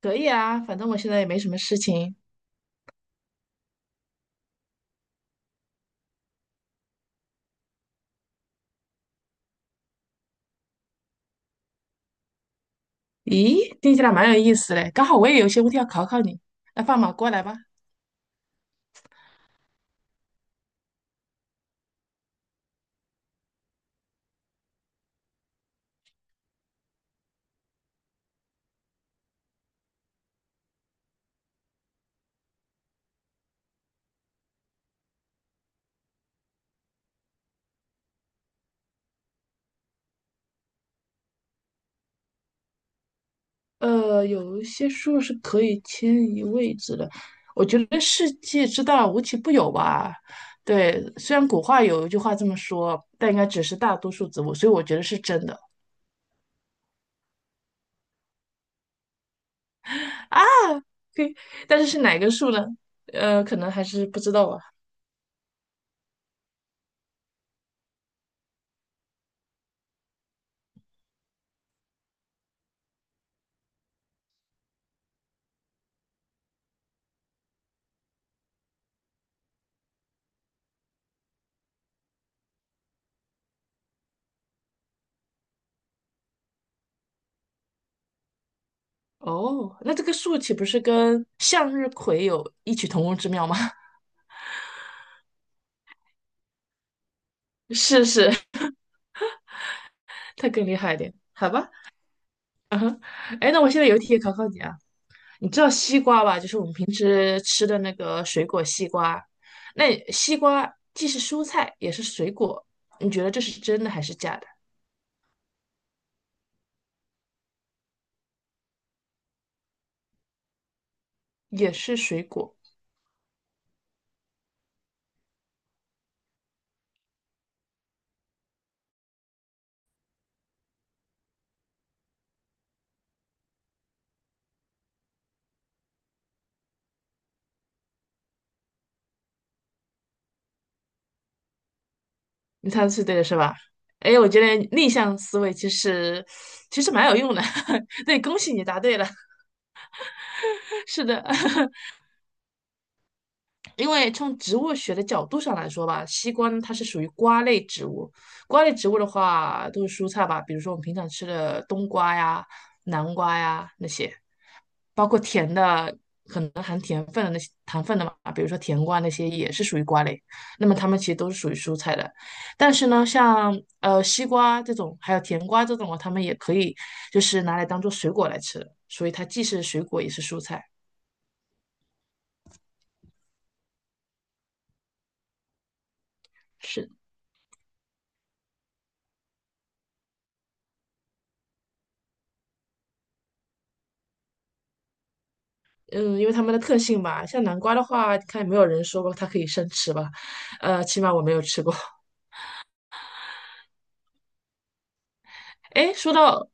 可以啊，反正我现在也没什么事情。咦，听起来蛮有意思嘞，刚好我也有些问题要考考你。那放马过来吧。有一些树是可以迁移位置的，我觉得世界之大无奇不有吧。对，虽然古话有一句话这么说，但应该只是大多数植物，所以我觉得是真的啊。对，但是是哪个树呢？可能还是不知道吧。哦，那这个树岂不是跟向日葵有异曲同工之妙吗？是是，他更厉害一点，好吧？哎，那我现在有题也考考你啊，你知道西瓜吧？就是我们平时吃的那个水果西瓜，那西瓜既是蔬菜也是水果，你觉得这是真的还是假的？也是水果，你猜的是对的是吧？哎，我觉得逆向思维其实蛮有用的，对，恭喜你答对了，是的。因为从植物学的角度上来说吧，西瓜呢它是属于瓜类植物。瓜类植物的话，都是蔬菜吧，比如说我们平常吃的冬瓜呀、南瓜呀那些，包括甜的，可能含甜分的那些糖分的嘛，比如说甜瓜那些也是属于瓜类。那么它们其实都是属于蔬菜的。但是呢，像西瓜这种，还有甜瓜这种啊，它们也可以就是拿来当做水果来吃的，所以它既是水果也是蔬菜。是的嗯，因为它们的特性吧，像南瓜的话，看有没有人说过它可以生吃吧，起码我没有吃过。哎，说到，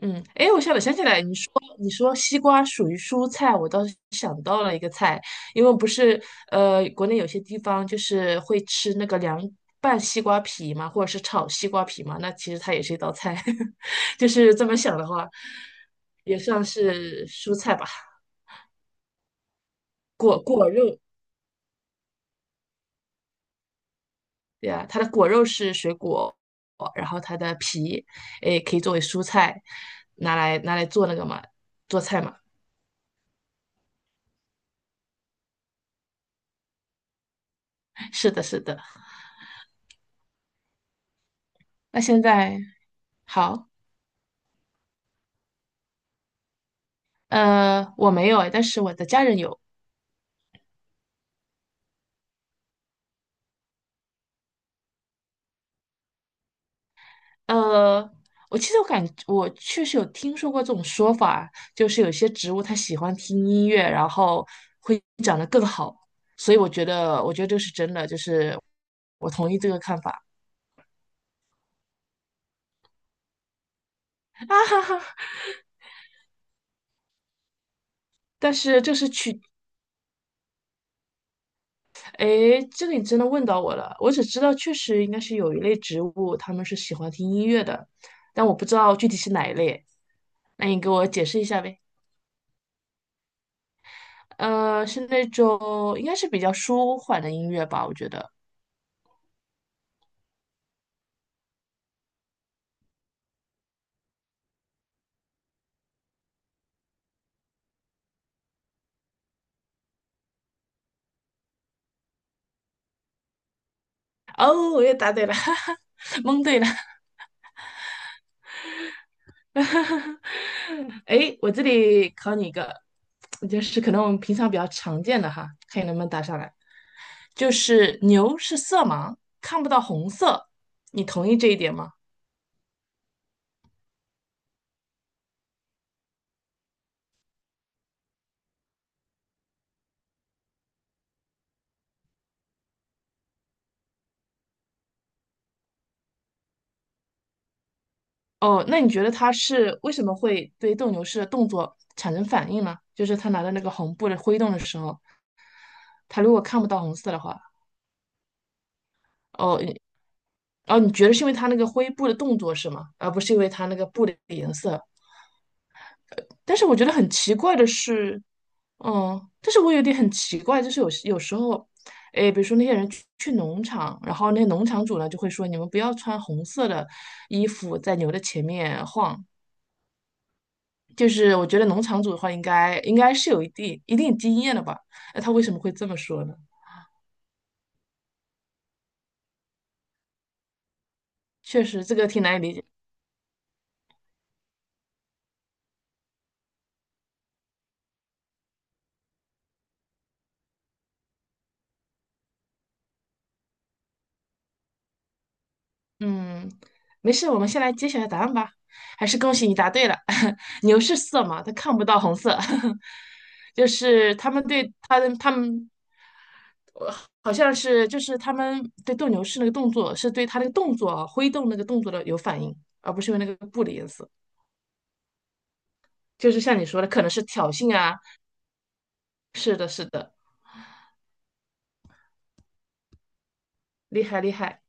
嗯，哎，我想想起来，你说西瓜属于蔬菜，我倒是想到了一个菜，因为不是呃，国内有些地方就是会吃那个凉拌西瓜皮嘛，或者是炒西瓜皮嘛，那其实它也是一道菜，就是这么想的话，也算是蔬菜吧，果肉，对啊，它的果肉是水果，然后它的皮，诶，可以作为蔬菜，拿来做那个嘛，做菜嘛。是的，是的。那现在好，我没有诶，但是我的家人有。呃，我其实我感我确实有听说过这种说法，就是有些植物它喜欢听音乐，然后会长得更好。所以我觉得，我觉得这是真的，就是我同意这个看法。但是这是取诶，这个你真的问到我了。我只知道确实应该是有一类植物，它们是喜欢听音乐的，但我不知道具体是哪一类。那你给我解释一下呗？呃，是那种应该是比较舒缓的音乐吧，我觉得。哦，我又答对了，哈哈，蒙对了。诶，我这里考你一个，就是可能我们平常比较常见的哈，看你能不能答上来。就是牛是色盲，看不到红色，你同意这一点吗？哦，那你觉得他是为什么会对斗牛士的动作产生反应呢？就是他拿着那个红布的挥动的时候，他如果看不到红色的话，哦，你哦，你觉得是因为他那个灰布的动作是吗？而不是因为他那个布的颜色？但是我觉得很奇怪的是，嗯，但是我有点很奇怪，就是有时候，哎，比如说那些人去农场，然后那些农场主呢就会说，你们不要穿红色的衣服在牛的前面晃，就是我觉得农场主的话应该是有一定经验的吧？那他为什么会这么说呢？确实，这个挺难以理解。嗯，没事，我们先来揭晓一下答案吧。还是恭喜你答对了，牛是色盲，它看不到红色，就是他们对他的他们呃好像是就是他们对斗牛士那个动作是对他那个动作啊挥动那个动作的有反应，而不是因为那个布的颜色。就是像你说的，可能是挑衅啊。是的，是的，厉害厉害。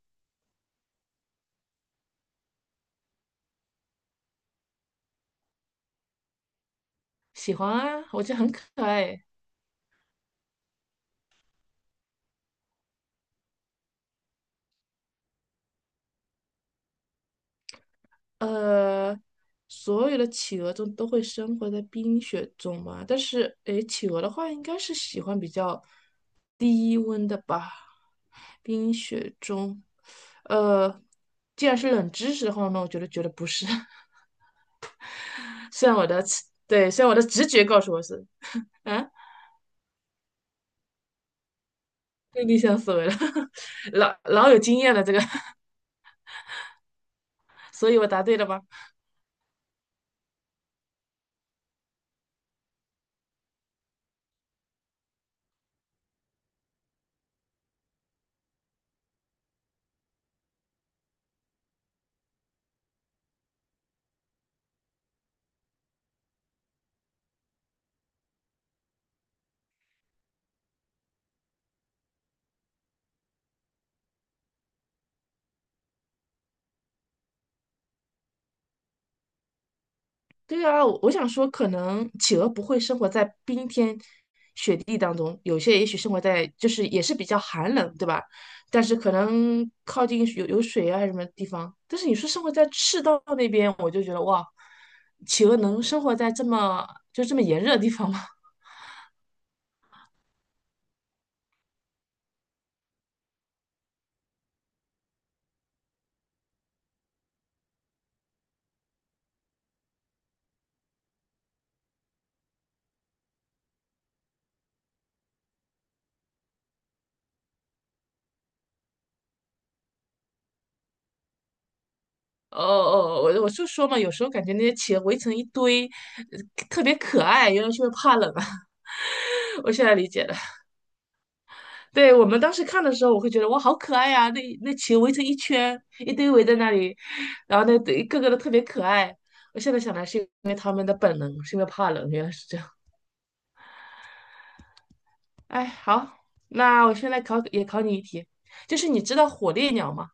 喜欢啊，我觉得很可爱。呃，所有的企鹅中都会生活在冰雪中嘛，但是诶，企鹅的话应该是喜欢比较低温的吧。冰雪中，呃，既然是冷知识的话，那我觉得不是。虽然我的直觉告诉我是，啊，被逆向思维了，老老有经验了这个，所以我答对了吧？对啊，我想说，可能企鹅不会生活在冰天雪地当中，有些也许生活在就是也是比较寒冷，对吧？但是可能靠近有水啊什么地方。但是你说生活在赤道那边，我就觉得哇，企鹅能生活在就这么炎热的地方吗？哦哦，我就说嘛，有时候感觉那些企鹅围成一堆，呃特别可爱，原来是因为怕冷啊。我现在理解了。对，我们当时看的时候，我会觉得哇，好可爱呀、那球围成一圈，一堆围在那里，然后那一个个都特别可爱。我现在想来是因为他们的本能，是因为怕冷，原来是这样。哎，好，那我现在也考你一题，就是你知道火烈鸟吗？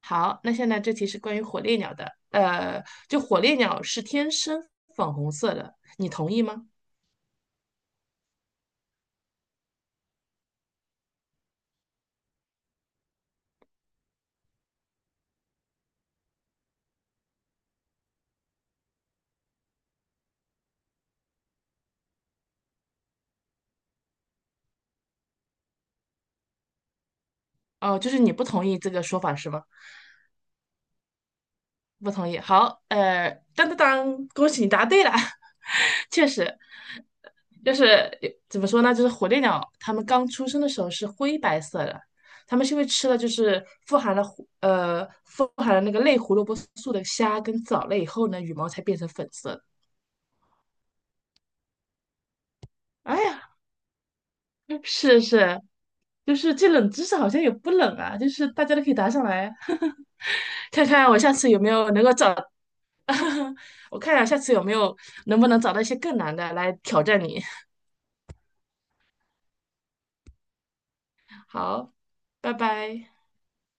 好，那现在这题是关于火烈鸟的。呃，就火烈鸟是天生粉红色的，你同意吗？哦，就是你不同意这个说法是吗？不同意。好，呃，当当当，恭喜你答对了。确实，就是怎么说呢？就是火烈鸟，它们刚出生的时候是灰白色的，它们是因为吃了就是富含了那个类胡萝卜素的虾跟藻类以后呢，羽毛才变成粉色的。哎呀，是是，就是这冷知识好像也不冷啊，就是大家都可以答上来，看看我下次有没有能够找，我看看下次有没有能不能找到一些更难的来挑战你。好，拜拜。